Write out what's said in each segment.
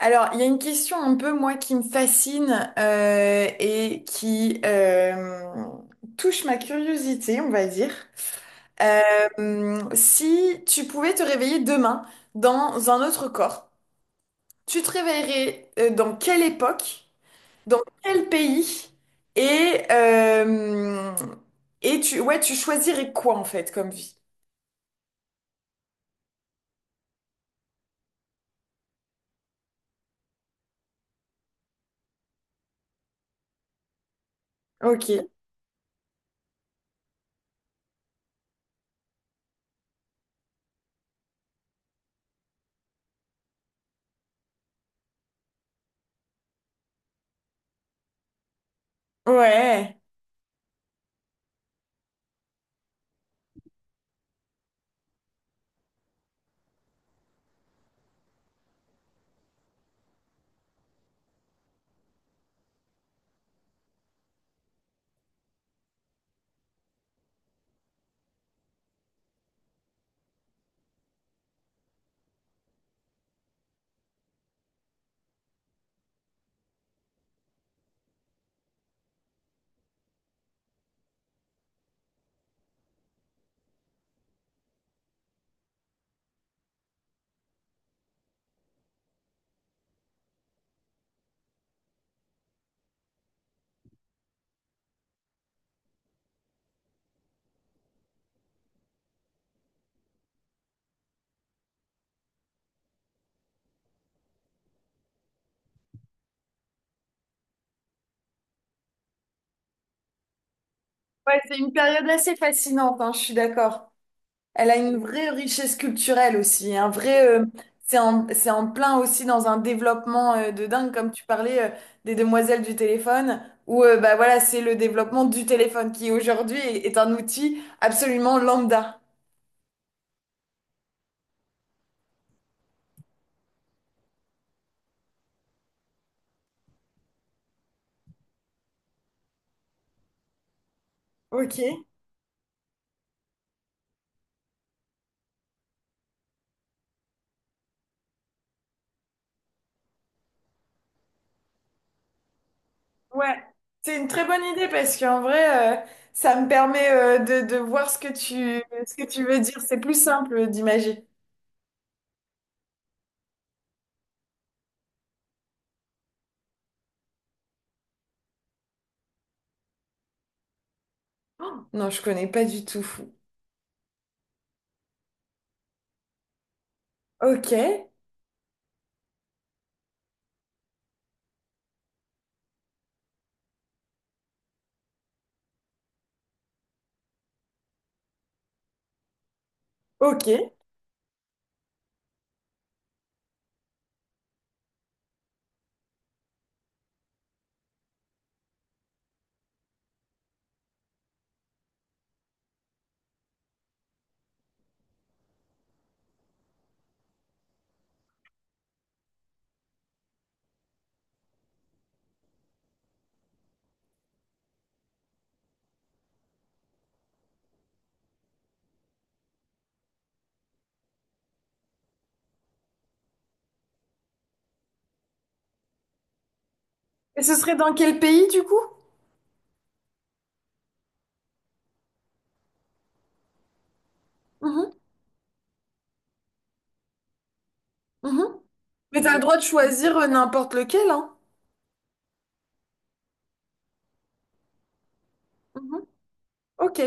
Alors, il y a une question un peu, moi, qui me fascine et qui touche ma curiosité, on va dire. Si tu pouvais te réveiller demain dans un autre corps, tu te réveillerais dans quelle époque, dans quel pays et, euh, et tu, ouais, tu choisirais quoi, en fait, comme vie? Ok. Ouais. Ouais, c'est une période assez fascinante, hein, je suis d'accord. Elle a une vraie richesse culturelle aussi, un vrai, c'est en plein aussi dans un développement de dingue, comme tu parlais des demoiselles du téléphone, où bah voilà, c'est le développement du téléphone qui aujourd'hui est, est un outil absolument lambda. Ok. Ouais, c'est une très bonne idée parce qu'en vrai, ça me permet de voir ce que tu veux dire. C'est plus simple d'imaginer. Oh, non, je connais pas du tout. Ok, ok. Et ce serait dans quel pays du coup? Mhm, mhm. Mais t'as le droit de choisir n'importe lequel, hein. Mhm. Ok.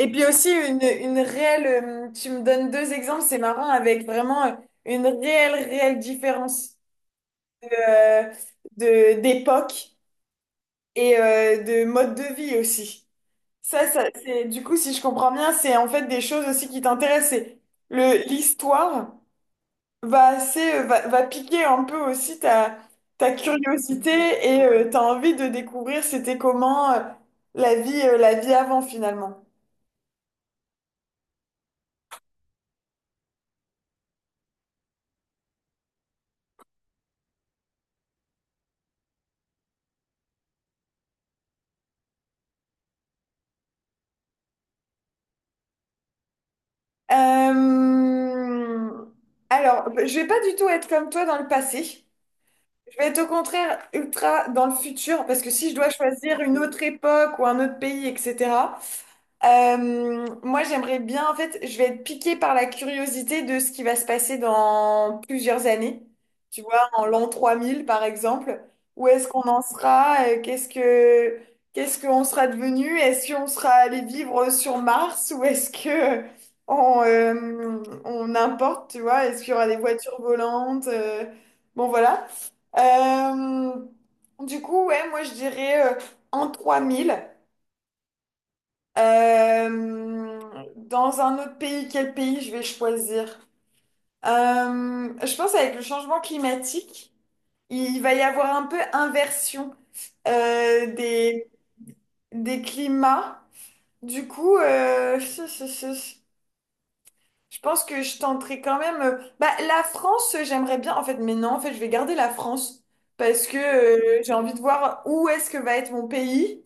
Et puis aussi une réelle, tu me donnes deux exemples, c'est marrant, avec vraiment une réelle, réelle différence de, d'époque et de mode de vie aussi. Ça, c'est, du coup, si je comprends bien, c'est en fait des choses aussi qui t'intéressent. C'est le, l'histoire. Va, va, va piquer un peu aussi ta, ta curiosité et t'as envie de découvrir c'était comment la vie avant finalement. Euh, Alors, je vais pas du tout être comme toi dans le passé. Je vais être au contraire ultra dans le futur parce que si je dois choisir une autre époque ou un autre pays, etc. Moi, j'aimerais bien, en fait, je vais être piquée par la curiosité de ce qui va se passer dans plusieurs années. Tu vois, en l'an 3000, par exemple. Où est-ce qu'on en sera? Qu'est-ce que, qu'est-ce qu'on sera devenu? Est-ce qu'on sera allé vivre sur Mars ou est-ce que on importe, tu vois? Est-ce qu'il y aura des voitures volantes? Bon, voilà. Euh, du coup, ouais, moi, je dirais en 3000. Dans un autre pays, quel pays je vais choisir? Je pense avec le changement climatique, il va y avoir un peu inversion euh, des, des climats. Du coup, je pense que je tenterai quand même, bah, la France, j'aimerais bien. En fait, mais non, en fait, je vais garder la France parce que j'ai envie de voir où est-ce que va être mon pays,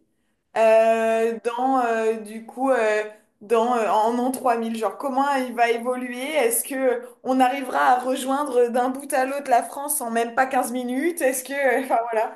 dans du coup dans en an 3000, genre comment il va évoluer, est-ce que on arrivera à rejoindre d'un bout à l'autre la France en même pas 15 minutes, est-ce que enfin voilà.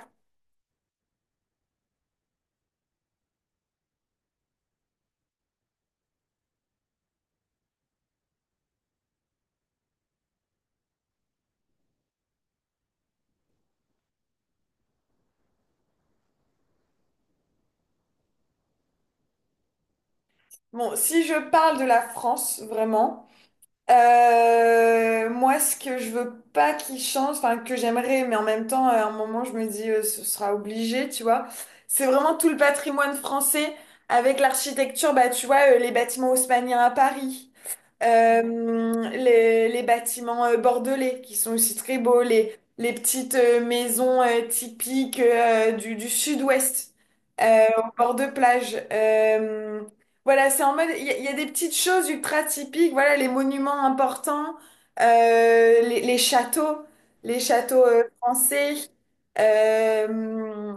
Bon, si je parle de la France vraiment, moi ce que je veux pas qu'il change, enfin que j'aimerais, mais en même temps à un moment je me dis ce sera obligé, tu vois. C'est vraiment tout le patrimoine français, avec l'architecture, bah tu vois les bâtiments haussmanniens à Paris. Les bâtiments bordelais qui sont aussi très beaux, les petites maisons typiques du sud-ouest au bord de plage. Voilà, c'est en mode, il y a des petites choses ultra typiques, voilà, les monuments importants, euh, les, les châteaux, les châteaux français. Euh,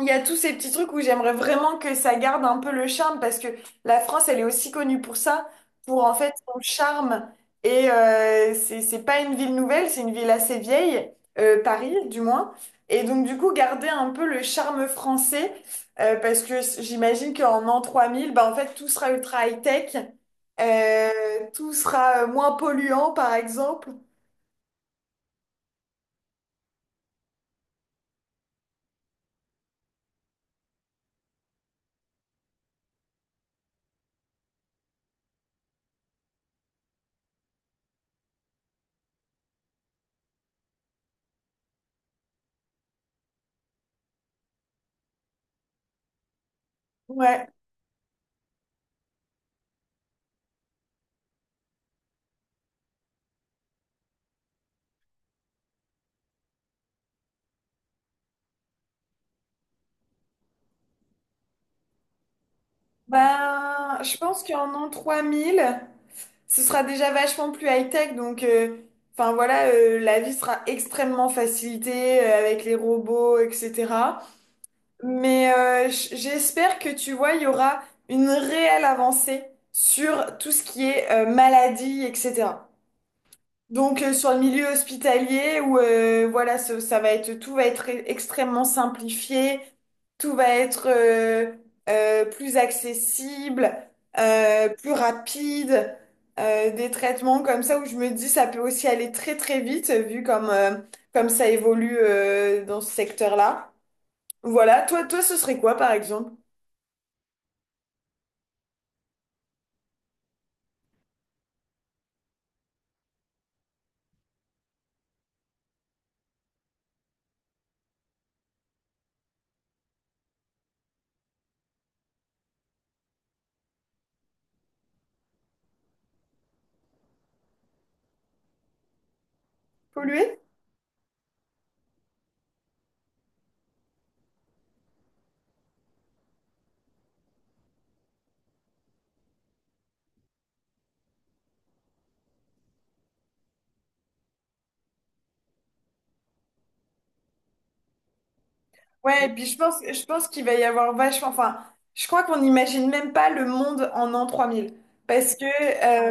il y a tous ces petits trucs où j'aimerais vraiment que ça garde un peu le charme, parce que la France, elle est aussi connue pour ça, pour en fait son charme. Et c'est pas une ville nouvelle, c'est une ville assez vieille, Paris du moins. Et donc du coup, garder un peu le charme français, parce que j'imagine qu'en an 3000 bah, en fait, tout sera ultra high-tech, euh, tout sera moins polluant par exemple. Ouais, ben, je pense qu'en an 3000 ce sera déjà vachement plus high-tech. Donc, enfin voilà, la vie sera extrêmement facilitée avec les robots, etc. Mais j'espère que tu vois, il y aura une réelle avancée sur tout ce qui est maladie, etc. Donc sur le milieu hospitalier où voilà, ça, va être tout va être extrêmement simplifié, tout va être plus accessible, plus rapide, des traitements comme ça où je me dis ça peut aussi aller très très vite vu comme comme ça évolue dans ce secteur-là. Voilà, toi, toi, ce serait quoi, par exemple? Polluer? Ouais, et puis je pense qu'il va y avoir vachement. Enfin, je crois qu'on n'imagine même pas le monde en an 3000. Parce que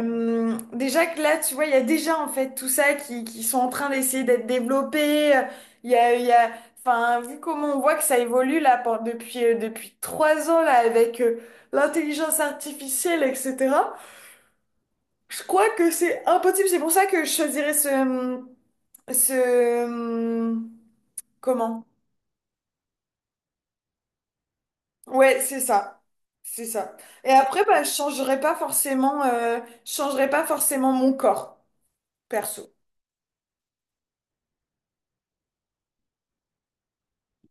déjà que là, tu vois, il y a déjà en fait tout ça qui sont en train d'essayer d'être développés. Il y a, enfin, vu comment on voit que ça évolue là depuis, depuis 3 ans là avec l'intelligence artificielle, etc. Je crois que c'est impossible. C'est pour ça que je choisirais ce, ce. Comment? Ouais, c'est ça. C'est ça. Et après, bah, je changerai pas forcément, je changerai pas forcément mon corps, perso.